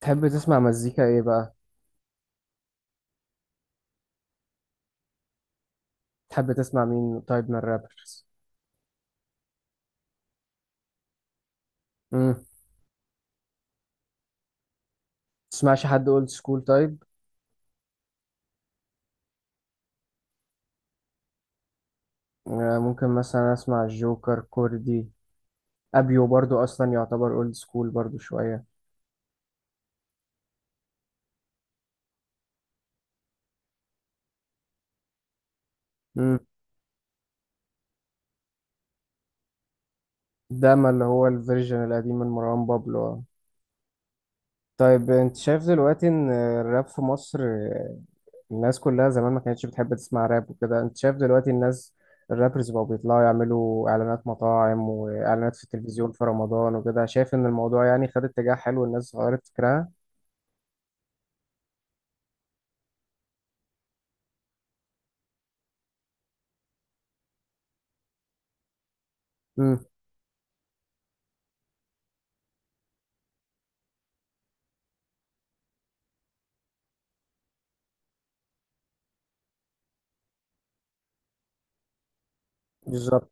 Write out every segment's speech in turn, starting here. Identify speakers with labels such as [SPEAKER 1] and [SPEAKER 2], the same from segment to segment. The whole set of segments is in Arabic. [SPEAKER 1] تحب تسمع مزيكا ايه بقى؟ تحب تسمع مين طيب من الرابرز؟ امم. تسمعش حد اولد سكول طيب؟ ممكن مثلا اسمع الجوكر كوردي. ابيو برضو اصلا يعتبر اولد سكول برضو شويه. امم. ده ما اللي هو الفيرجن القديم من مروان بابلو. طيب، انت شايف دلوقتي ان الراب في مصر، الناس كلها زمان ما كانتش بتحب تسمع راب وكده. انت شايف دلوقتي الناس، الرابرز بقوا بيطلعوا يعملوا اعلانات مطاعم واعلانات في التلفزيون في رمضان وكده، شايف ان الموضوع يعني خد اتجاه حلو، الناس غيرت فكرها. امم. بالظبط.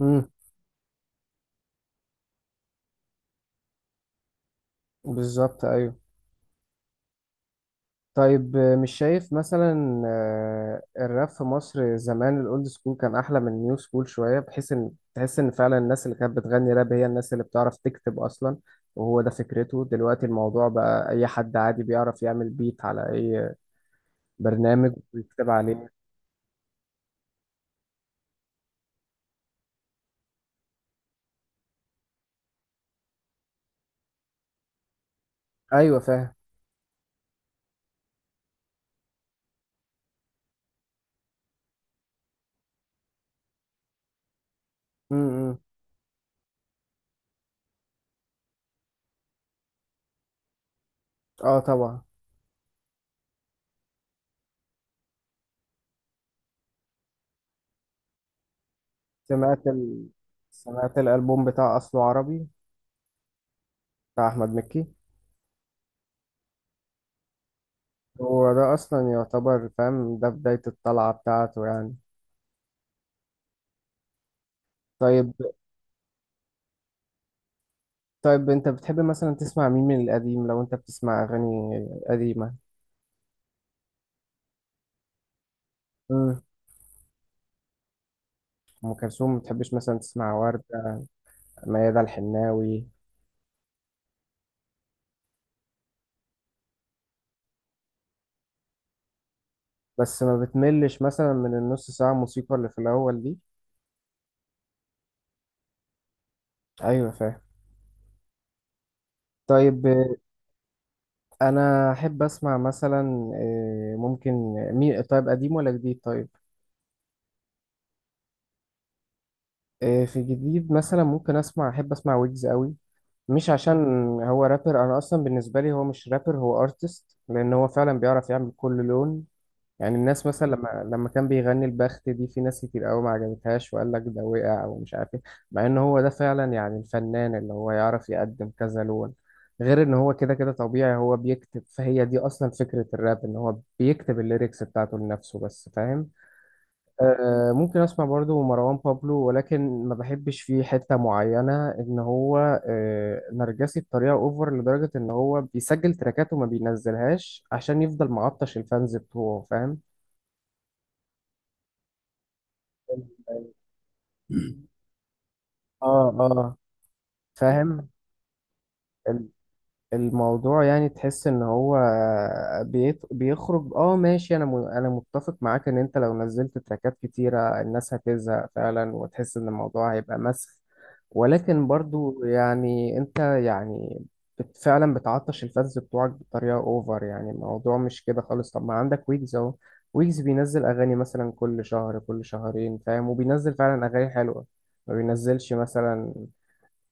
[SPEAKER 1] امم. بالظبط، ايوه. طيب، مش شايف مثلا الراب في مصر زمان الاولد سكول كان احلى من النيو سكول شويه، بحيث ان تحس ان فعلا الناس اللي كانت بتغني راب هي الناس اللي بتعرف تكتب اصلا. وهو ده فكرته دلوقتي، الموضوع بقى اي حد عادي بيعرف يعمل بيت على اي برنامج ويكتب عليه. ايوه، فاهم. امم. اه، طبعا. سمعت ال... سمعت الالبوم بتاع اصله عربي، بتاع احمد مكي. هو ده اصلا يعتبر فاهم ده بداية الطلعة بتاعته يعني. طيب. طيب، انت بتحب مثلا تسمع مين من القديم لو انت بتسمع اغاني قديمة؟ امم. ام كلثوم، ما بتحبش مثلا تسمع وردة؟ ميادة الحناوي؟ بس ما بتملش مثلا من النص ساعة موسيقى اللي في الاول دي؟ ايوه، فاهم. طيب. انا احب اسمع مثلا، ممكن، مين طيب قديم ولا جديد طيب؟ في جديد مثلا ممكن اسمع، احب اسمع ويجز قوي. مش عشان هو رابر، انا اصلا بالنسبه لي هو مش رابر، هو ارتست لان هو فعلا بيعرف يعمل كل لون. يعني الناس مثلا لما كان بيغني البخت دي في ناس كتير قوي ما عجبتهاش وقال لك ده وقع ومش عارف ايه. مع ان هو ده فعلا يعني الفنان اللي هو يعرف يقدم كذا لون، غير ان هو كده كده طبيعي هو بيكتب، فهي دي اصلا فكرة الراب ان هو بيكتب الليركس بتاعته لنفسه بس، فاهم. آه، ممكن اسمع برضو مروان بابلو، ولكن ما بحبش فيه حتة معينة ان هو آه نرجسي بطريقة اوفر، لدرجة ان هو بيسجل تراكاته وما بينزلهاش عشان يفضل معطش الفانز بتوعه، فاهم. ال- اه، اه، فاهم. الموضوع يعني تحس ان هو بيخرج. اه، ماشي، انا متفق معاك ان انت لو نزلت تراكات كتيرة الناس هتزهق فعلا وتحس ان الموضوع هيبقى مسخ. ولكن برضو يعني انت يعني فعلا بتعطش الفانز بتوعك بطريقة اوفر، يعني الموضوع مش كده خالص. طب ما عندك ويجز اهو، ويجز بينزل اغاني مثلا كل شهر كل شهرين، فاهم، وبينزل فعلا اغاني حلوة، ما بينزلش مثلا.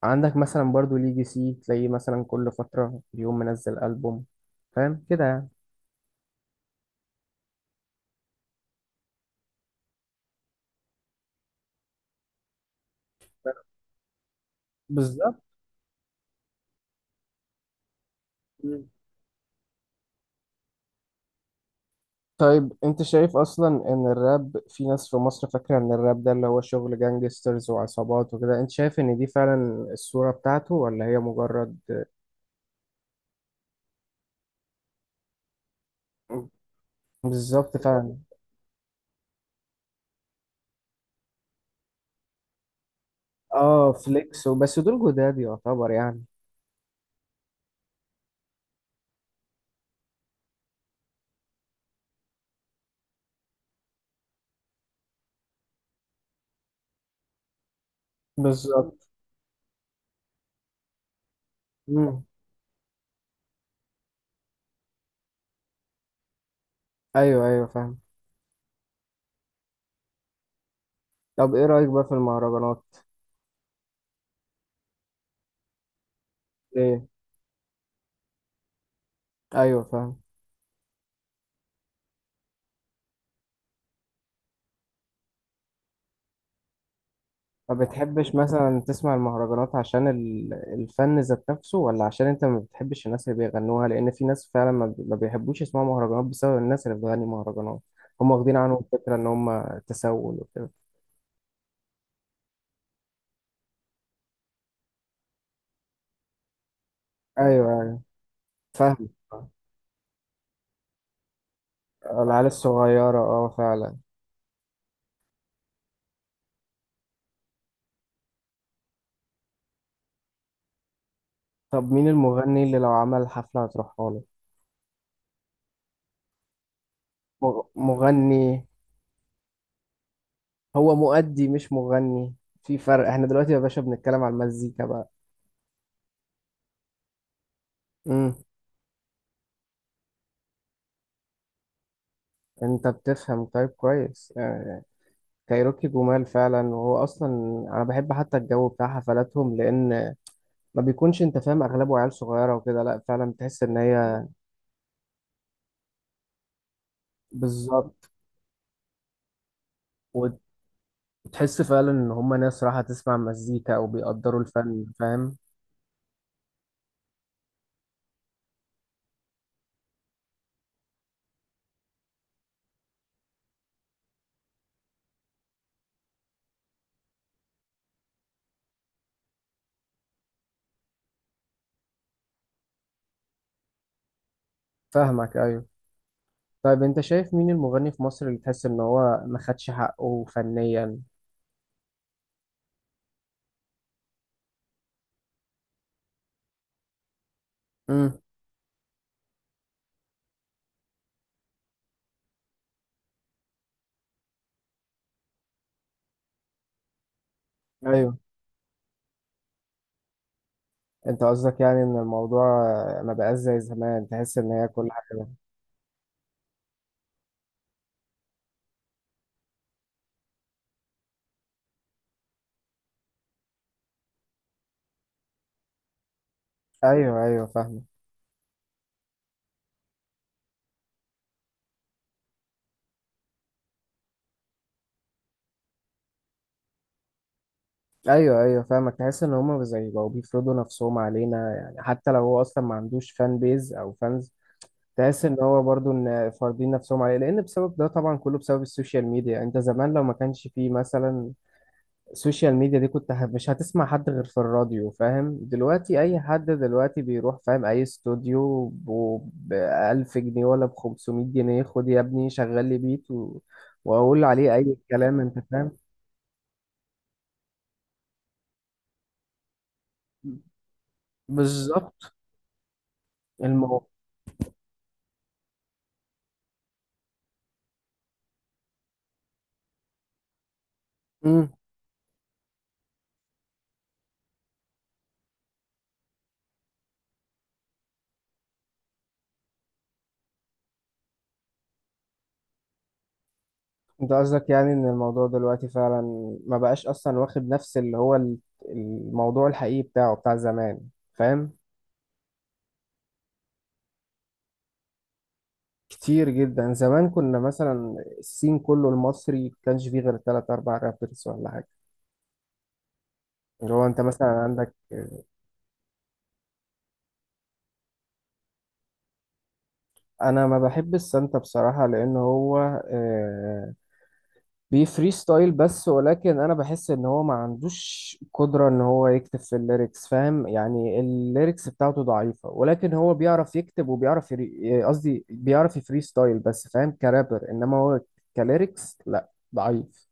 [SPEAKER 1] عندك مثلا برضو ليجي سي، تلاقيه مثلا كل فترة يوم منزل ألبوم، فاهم كده يعني. بالظبط. مم. طيب، انت شايف اصلا ان الراب في ناس في مصر فاكرة ان الراب ده اللي هو شغل جانجسترز وعصابات وكده، انت شايف ان دي فعلا الصورة بتاعته ولا هي مجرد؟ بالظبط، فعلا. اه، فليكس وبس، دول جداد يعتبر يعني. بالظبط. مم. ايوه، ايوه، فاهم. طب ايه رأيك بقى في المهرجانات؟ ايه، ايوه، فاهم. ما بتحبش مثلا تسمع المهرجانات عشان الفن ذات نفسه، ولا عشان انت ما بتحبش الناس اللي بيغنوها؟ لان في ناس فعلا ما بيحبوش يسمعوا مهرجانات بسبب الناس اللي بتغني مهرجانات، هم واخدين عنهم فكرة ان هم تسول وكده. ايوه، ايوه، فاهم. العيال الصغيرة، اه، فعلا. طب مين المغني اللي لو عمل حفلة هتروحها له؟ مغني؟ هو مؤدي مش مغني، في فرق. احنا دلوقتي يا باشا بنتكلم على المزيكا بقى. امم. انت بتفهم طيب كويس يعني، كايروكي جمال فعلا. وهو اصلا، انا بحب حتى الجو بتاع حفلاتهم، لان ما بيكونش انت فاهم اغلبه عيال صغيره وكده، لا فعلا بتحس ان هي. بالظبط. وتحس فعلا ان هم ناس راحه تسمع مزيكا او بيقدروا الفن، فاهم. فاهمك، ايوه. طيب، انت شايف مين المغني في مصر اللي تحس ان هو ما خدش حقه فنيا؟ امم. ايوه. انت قصدك يعني ان الموضوع ما بقاش زي زمان، تحس ان هي كل حاجه؟ ايوه، ايوه، فاهم. ايوه، ايوه، فاهمك، تحس ان هما زي بقوا بيفرضوا نفسهم علينا، يعني حتى لو هو اصلا ما عندوش فان بيز او فانز، تحس ان هو برضو ان فارضين نفسهم عليه. لان بسبب ده طبعا كله بسبب السوشيال ميديا، انت زمان لو ما كانش فيه مثلا السوشيال ميديا دي مش هتسمع حد غير في الراديو، فاهم. دلوقتي اي حد دلوقتي بيروح فاهم اي استوديو ب 1000 جنيه ولا ب 500 جنيه، خد يا ابني شغل لي بيت واقول عليه اي كلام، انت فاهم. بالظبط. الموضوع. انت قصدك يعني ان الموضوع دلوقتي فعلا ما بقاش اصلا واخد نفس اللي هو الموضوع الحقيقي بتاعه بتاع زمان، فاهم. كتير جدا، زمان كنا مثلا السين كله المصري كانش فيه غير تلات اربع رابرز ولا حاجه، اللي هو انت مثلا عندك. انا ما بحب السانتا بصراحه لان هو آه، بيفري ستايل بس، ولكن انا بحس ان هو ما عندوش قدرة ان هو يكتب في الليركس، فاهم. يعني الليركس بتاعته ضعيفة، ولكن هو بيعرف يكتب وبيعرف قصدي بيعرف يفري ستايل بس، فاهم، كرابر، انما هو كليركس لا، ضعيف.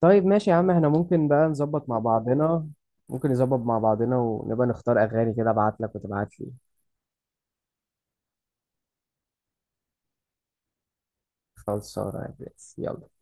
[SPEAKER 1] طيب ماشي يا عم، احنا ممكن بقى نظبط مع بعضنا، ممكن نظبط مع بعضنا ونبقى نختار اغاني كده، ابعت لك وتبعت لي. خلصانه يا برنس. يلا